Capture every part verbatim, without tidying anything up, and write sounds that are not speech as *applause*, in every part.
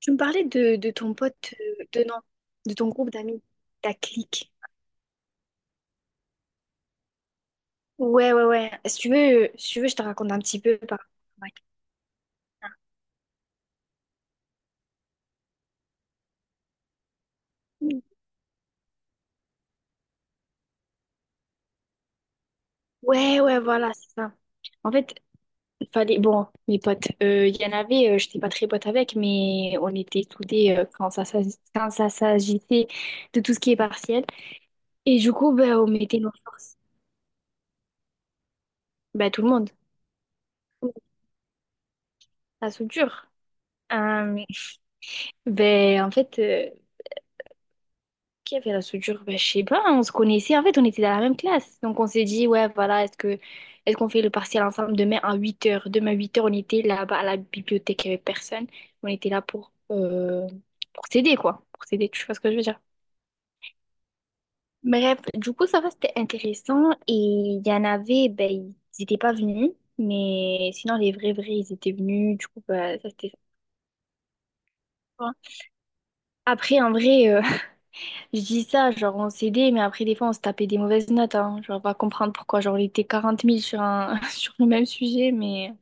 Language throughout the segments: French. Tu me parlais de, de ton pote, euh, de non, de ton groupe d'amis, ta clique. Ouais, ouais, ouais. Si tu veux, euh, si tu veux, je te raconte un petit peu par ouais, ouais, ouais, voilà, c'est ça. En fait, il fallait. Bon, mes potes, euh, il y en avait, euh, j'étais pas très pote avec, mais on était soudés euh, quand ça, s'agit- quand ça s'agissait de tout ce qui est partiel. Et du coup, ben, on mettait nos forces. Ben, tout le monde. La soudure. Euh, ben, en fait, euh, qui avait la soudure? Ben, je sais pas, hein, on se connaissait. En fait, on était dans la même classe. Donc, on s'est dit, ouais, voilà, est-ce que est-ce qu'on fait le partiel ensemble demain à huit heures. Demain à huit heures, on était là-bas à la bibliothèque, il n'y avait personne. On était là pour, euh, pour s'aider, quoi. Pour s'aider, tu vois ce que je veux dire? Bref, du coup, ça va, c'était intéressant. Et il y en avait, ben, ils n'étaient pas venus. Mais sinon, les vrais, vrais, ils étaient venus. Du coup, ben, ça, c'était sympa. Après, en vrai, je dis ça, genre on s'aidait, mais après des fois on se tapait des mauvaises notes, hein. Genre on va comprendre pourquoi, genre on était quarante mille sur un... *laughs* sur le même sujet, mais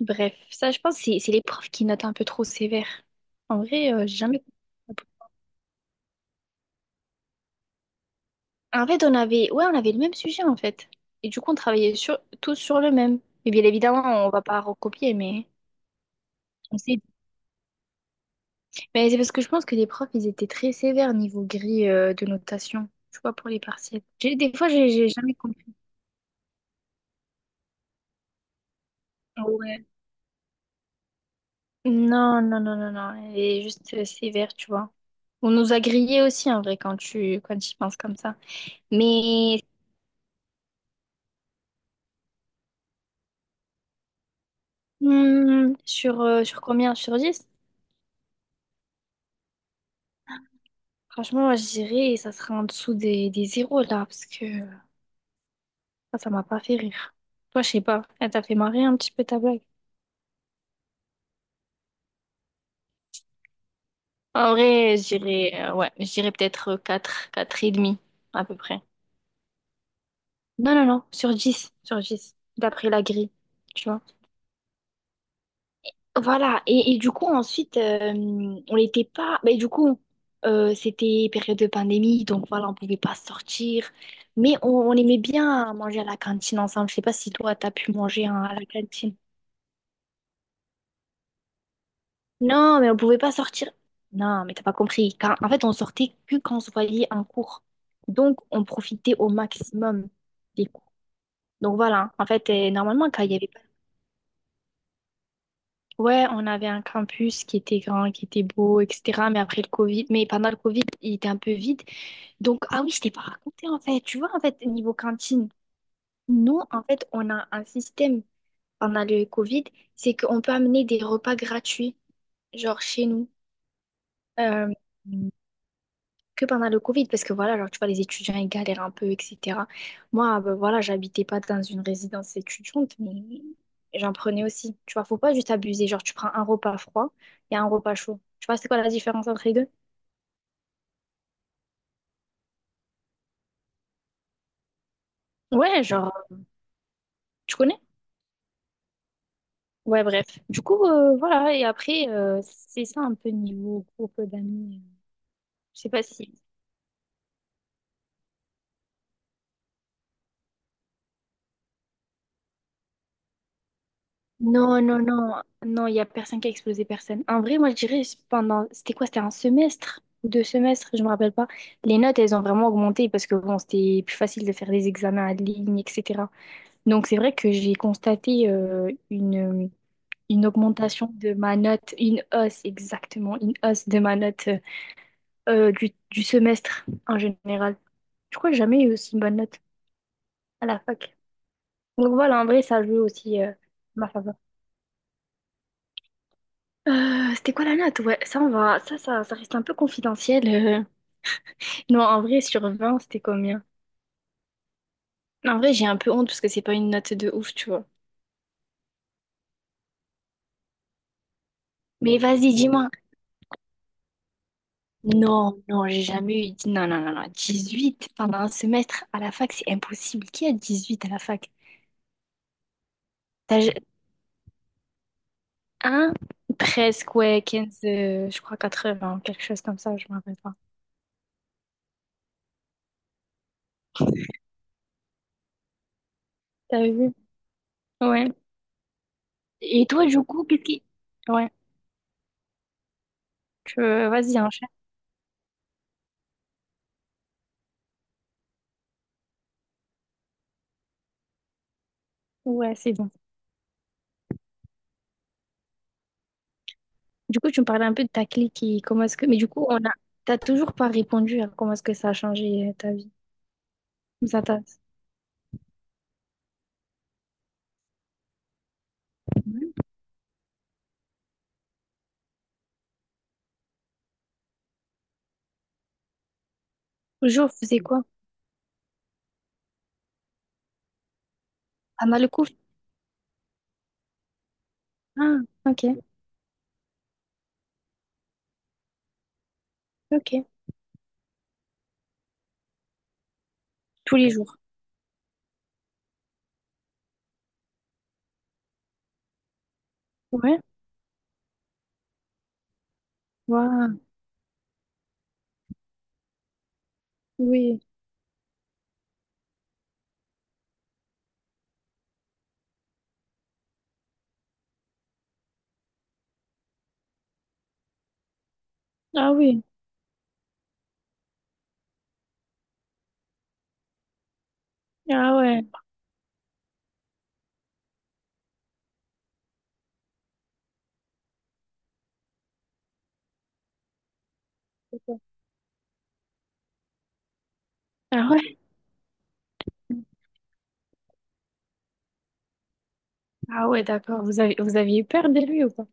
bref, ça je pense c'est c'est les profs qui notent un peu trop sévère. En vrai, euh, j'ai jamais... En fait on avait, ouais on avait le même sujet en fait, et du coup on travaillait sur... tous sur le même. Et bien évidemment on va pas recopier, mais on s'aide. Mais c'est parce que je pense que les profs ils étaient très sévères niveau grille euh, de notation, tu vois pour les partiels. J'ai- Des fois j'ai j'ai jamais compris. Ouais. Non, non, non, non, non. Elle est juste euh, sévère, tu vois. On nous a grillés aussi, en vrai, quand tu quand tu y penses comme ça. Mais hmm, sur, euh, sur combien? Sur dix? Franchement, moi, je dirais ça sera en dessous des, des zéros, là, parce que ça, ça m'a pas fait rire. Toi, je sais pas. Elle t'a fait marrer un petit peu ta blague. En vrai, je dirais, euh, ouais, je dirais peut-être quatre quatre et demi, à peu près. Non, non, non, sur dix sur dix d'après la grille, tu vois. Voilà, et, et du coup, ensuite, euh, on n'était pas. Mais du coup, euh, c'était période de pandémie, donc voilà, on pouvait pas sortir. Mais on, on aimait bien manger à la cantine ensemble. Je sais pas si toi, t'as pu manger hein, à la cantine. Non, mais on pouvait pas sortir. Non, mais t'as pas compris. Quand- en fait, on sortait que quand on se voyait en cours. Donc, on profitait au maximum des cours. Donc voilà, en fait, euh, normalement, quand il y avait pas Ouais, on avait un campus qui était grand, qui était beau, et cetera. Mais après le Covid, mais pendant le Covid, il était un peu vide. Donc, ah oui, je t'ai pas raconté en fait. Tu vois, en fait, niveau cantine, nous, en fait, on a un système pendant le Covid, c'est qu'on peut amener des repas gratuits, genre chez nous. Euh, que pendant le Covid, parce que voilà, genre, tu vois, les étudiants, ils galèrent un peu, et cetera. Moi, ben, voilà, j'habitais pas dans une résidence étudiante, mais j'en prenais aussi. Tu vois, faut pas juste abuser. Genre, tu prends un repas froid et un repas chaud. Tu vois, c'est quoi la différence entre les deux? Ouais, genre, tu connais? Ouais, bref. Du coup, euh, voilà, et après, euh, c'est ça un peu niveau groupe d'amis. Je sais pas si Non, non, non, non, il n'y a personne qui a explosé personne. En vrai, moi, je dirais, c'est pendant, c'était quoi? C'était un semestre ou deux semestres, je me rappelle pas. Les notes, elles ont vraiment augmenté parce que bon, c'était plus facile de faire des examens en ligne, et cetera. Donc, c'est vrai que j'ai constaté euh, une, une augmentation de ma note, une hausse, exactement, une hausse de ma note euh, du, du semestre en général. Je crois que j'ai jamais eu aussi une bonne note à la fac. Donc, voilà, en vrai, ça joue aussi euh, ma faveur. Euh, c'était quoi la note? Ouais, ça, on va... ça, ça, ça reste un peu confidentiel. euh. Non, en vrai, sur vingt, c'était combien? En vrai, j'ai un peu honte parce que c'est pas une note de ouf, tu vois. Mais vas-y, dis-moi. Non, non, j'ai jamais eu dix-, non, non, non, non, huit pendant un semestre à la fac, c'est impossible. Qui a dix-huit à la fac? T'as ju- un? Presque, ouais, quinze euh, je crois quatre-vingts quelque chose comme ça, je me rappelle pas. T'as vu? Ouais. Et toi, du coup, qu'est-ce qui. Ouais, tu... vas-y, enchaîne. Ouais, c'est bon. Du coup, tu me parlais un peu de ta clique et comment est-ce que... Mais du coup, on a... t'as toujours pas répondu à comment est-ce que ça a changé euh, ta vie. Ça t'a... Ouais. Toujours, vous faisiez quoi? Ah, mal le coup? Ah, ok, ok. Tous les jours. Ouais. Waouh. Oui. Ah oui. Ah ouais. D'accord. Ah ouais. Ah ouais, d'accord. Vous avez... vous aviez eu peur de lui ou pas?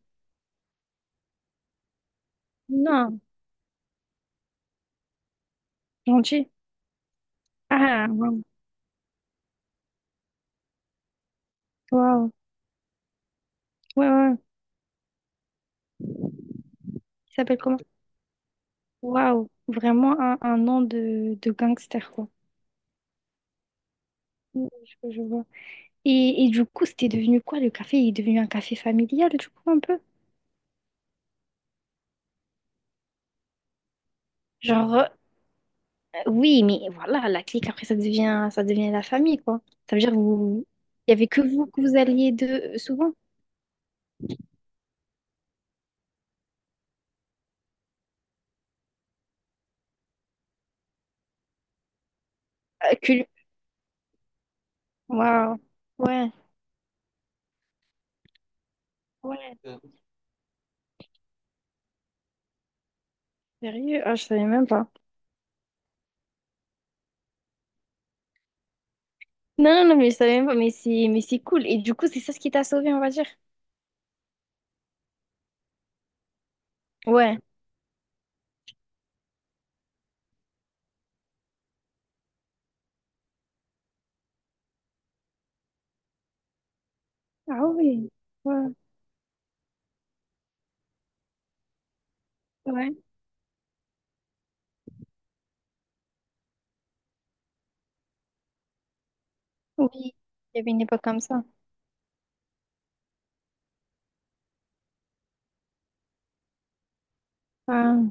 Non. Gentil. Ah, waouh. Waouh. Ouais, ouais. Il s'appelle comment? Waouh. Vraiment un, un nom de, de gangster, quoi. Oui, Je, je vois. Et, et du coup, c'était devenu quoi le café? Il est devenu un café familial, du coup, un peu? Genre, euh, oui, mais voilà, la clique, après, ça devient, ça devient la famille, quoi. Ça veut dire que vous, il y avait que vous que vous alliez de souvent. Euh, que... Waouh. Ouais, ouais. Sérieux? Ah, je savais même pas. Non, non, non, mais je savais même pas, mais c'est, mais c'est cool. Et du coup, c'est ça ce qui t'a sauvé, on va dire. Ouais. Ah oui. Ouais, ouais. Oui. Il y avait une époque comme ça. Ah,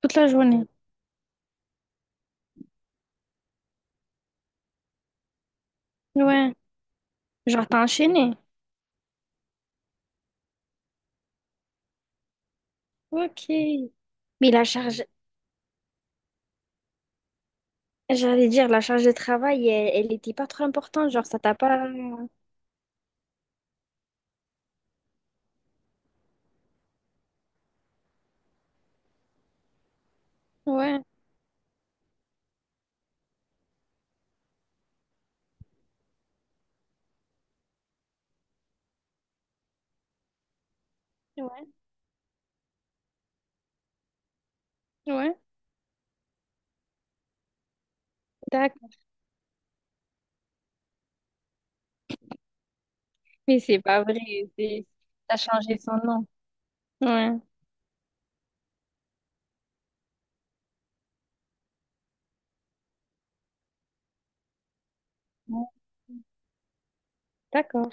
toute la journée. Ouais. Genre, t'as enchaîné. Ok. Mais la charge, j'allais dire, la charge de travail, elle, elle était pas trop importante, genre ça t'a pas... Ouais, ouais, ouais. D'accord. Mais c'est pas vrai, c'est... T'as changé son nom. Ouais. Ouais. D'accord.